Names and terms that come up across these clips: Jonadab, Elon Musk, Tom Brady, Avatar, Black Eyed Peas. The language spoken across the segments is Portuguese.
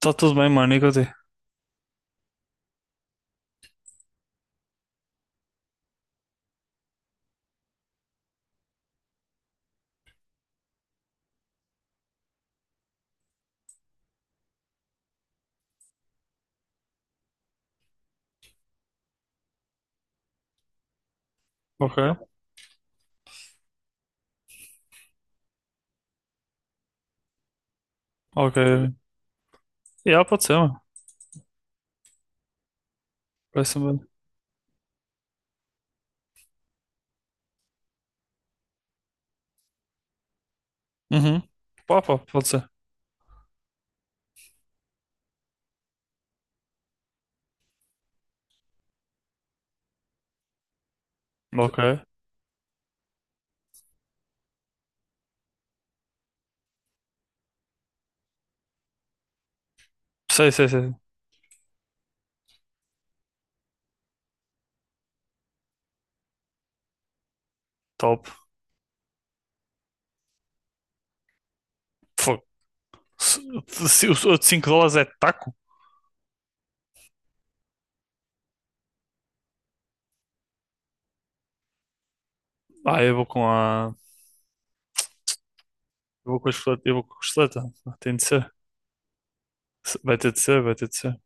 Tá tudo bem, mano, e contigo? Ok, ok. Yeah, pode ser, mano. Parece-me bem. Uhum. Pá, pá, pode ser. Ok. Sei, sei, sei. Top. Fogo. Se, se os outros cinco dólares é taco? Ah, eu vou com a. Eu vou com a costeleta. Eu vou com a costeleta. Tem de ser. Vai ter de ser, vai ter de ser.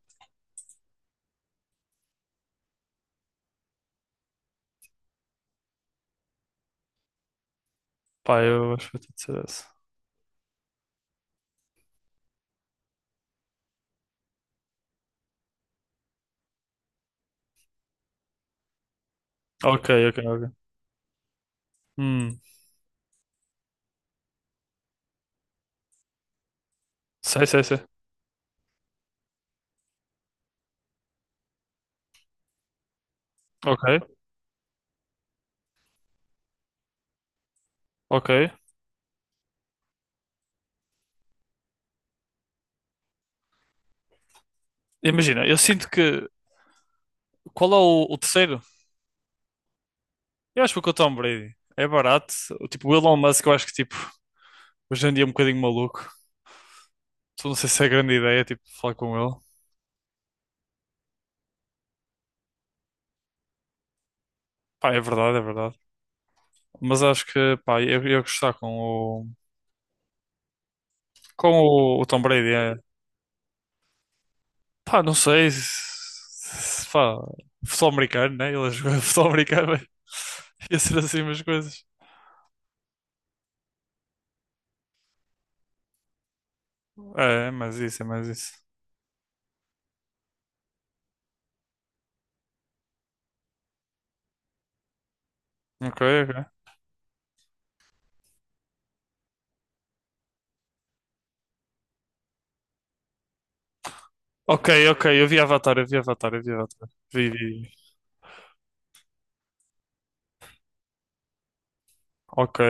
Pá, eu acho que vai ter de ser essa. Ok, ok, ok. Hum. Sei, sei, sei. Ok, ok. Imagina, eu sinto que. Qual é o terceiro? Eu acho que vou com o Tom Brady. É barato. Tipo, o Elon Musk, eu acho que tipo. Hoje em dia é um bocadinho maluco. Então, não sei se é grande ideia, tipo, falar com ele. Pá, é verdade, é verdade. Mas acho que, pá, eu ia gostar com o Tom Brady. É. Pá, não sei se, pá, futebol americano, né? Ele jogou futebol americano, mas ia ser assim umas coisas. É, é mais isso, é mais isso. Ok, ok. Ok, ok, eu vi Avatar, eu vi Avatar, eu vi Avatar. Vi, vi. Ok,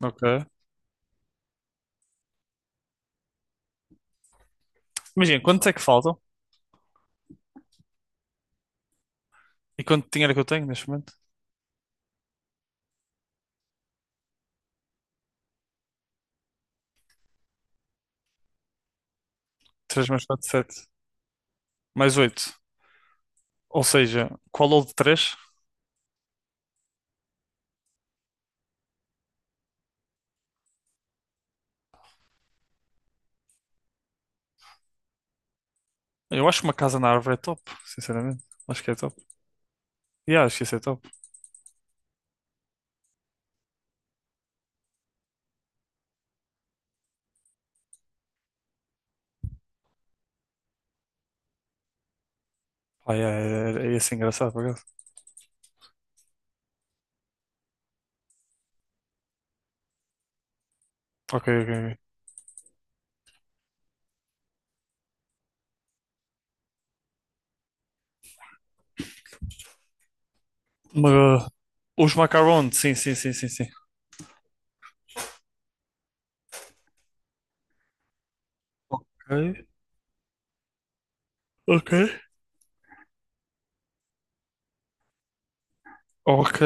ok. Imagina, quantos é que faltam? E quanto dinheiro é que eu tenho neste momento? 3, mais 4, 7, mais 8. Ou seja, qual ou de três? Eu acho que uma casa na árvore é top, sinceramente. Acho que é top. Yeah, acho que isso é top. Ah, yeah, é assim engraçado, por acaso. Ok, ok, ok. Uma- Os macarons, sim, sim, sim, sim, sim. Ok, ok, ok.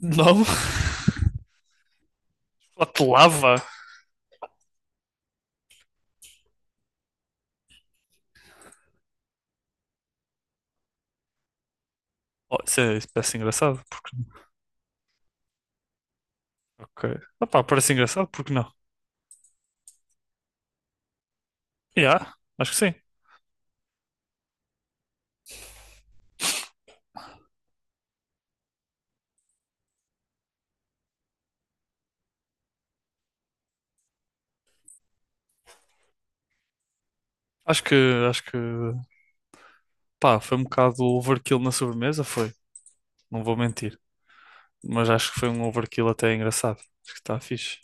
Não, lava. Oh, isso parece engraçado. Porque… Ok. Ah, pá, parece engraçado, porque não? Yeah, acho que sim. Acho que, acho que pá, foi um bocado overkill na sobremesa, foi. Não vou mentir. Mas acho que foi um overkill até engraçado. Acho que está fixe.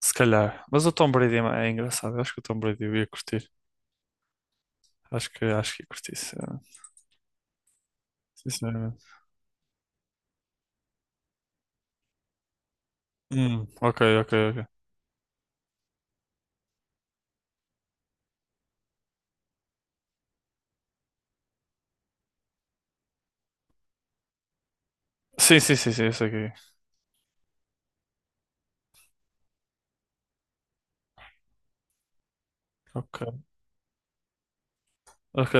Se calhar. Mas o Tom Brady é engraçado. Eu acho que o Tom Brady eu ia curtir. Acho que ia curtir, sinceramente. Sinceramente. Ok, ok, ok. Sim, sim, sim, sim, isso aqui. Ok, ok.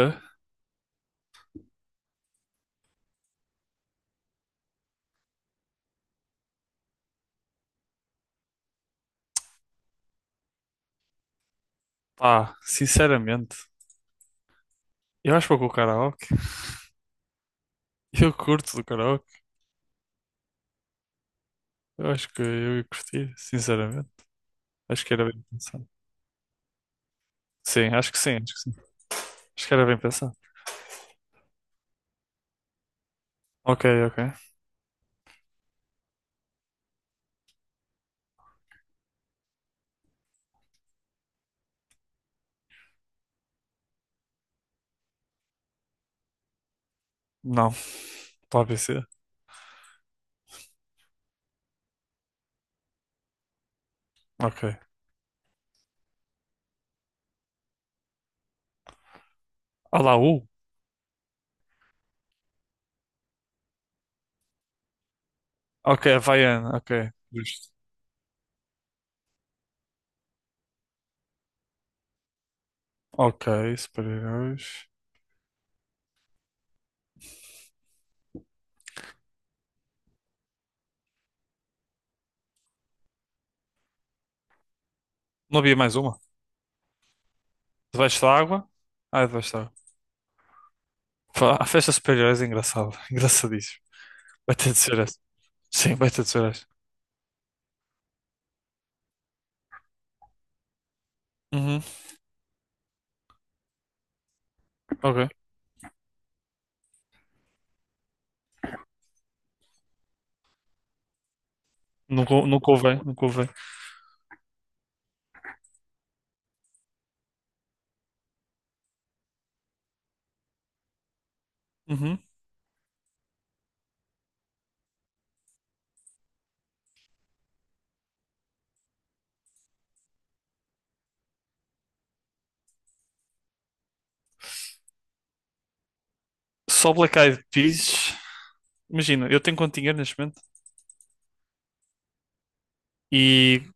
Pá, sinceramente, eu acho que vou com o karaoke. Eu curto do karaoke. Eu acho que eu ia curtir, sinceramente. Acho que era bem pensado. Sim, acho que sim, acho que sim. Acho que era bem pensado. Ok, ok. Não, para ABC. Ok. Olá, U. Ok, havaiana, ok. Justo. Ok, super-heróis. Não havia mais uma? Debaixo da água? Ah, é debaixo da água. Pá, a festa superior é engraçado. Engraçadíssimo. Vai ter de ser essa. Sim, vai ter de ser essa. Uhum. Ok. Nunca, nunca ouvei, nunca ouvei. Uhum. Só Black Eyed Peas. Imagina, eu tenho quanto dinheiro neste momento? E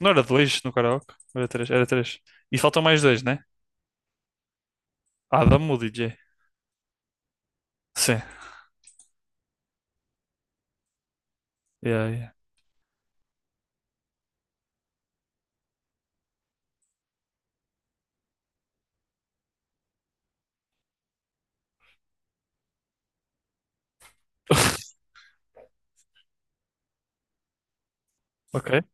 não era dois no karaoke? Era três, era três. E faltam mais dois, né? Adam, o DJ. Sim. Yeah, yeah. Ok,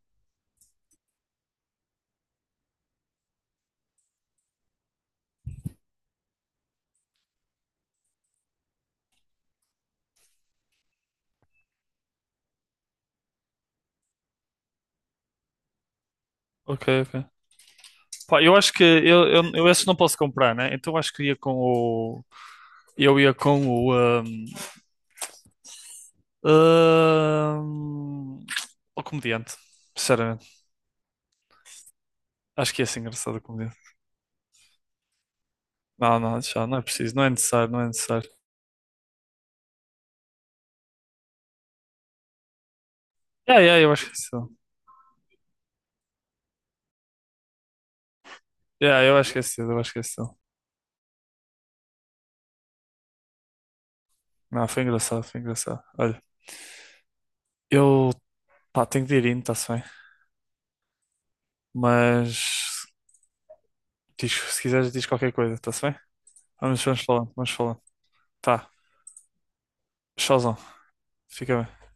ok, ok. Pá, eu acho que eu esse não posso comprar, né? Então eu acho que ia com o. Eu ia com o. hum, Ahn, O comediante, sinceramente. Acho que ia ser engraçado o comediante. Não, não, já, não é preciso, não é necessário, não é necessário. Yeah, yeah, eu acho que é isso. Yeah, eu acho que é isso, eu acho que é isso. Não, foi engraçado, foi engraçado. Olha, eu, pá, tenho de ir indo, está-se bem. Mas, diz, se quiseres, diz qualquer coisa, está-se bem? Vamos falando, vamos falando. Tá, tchauzão, fica bem.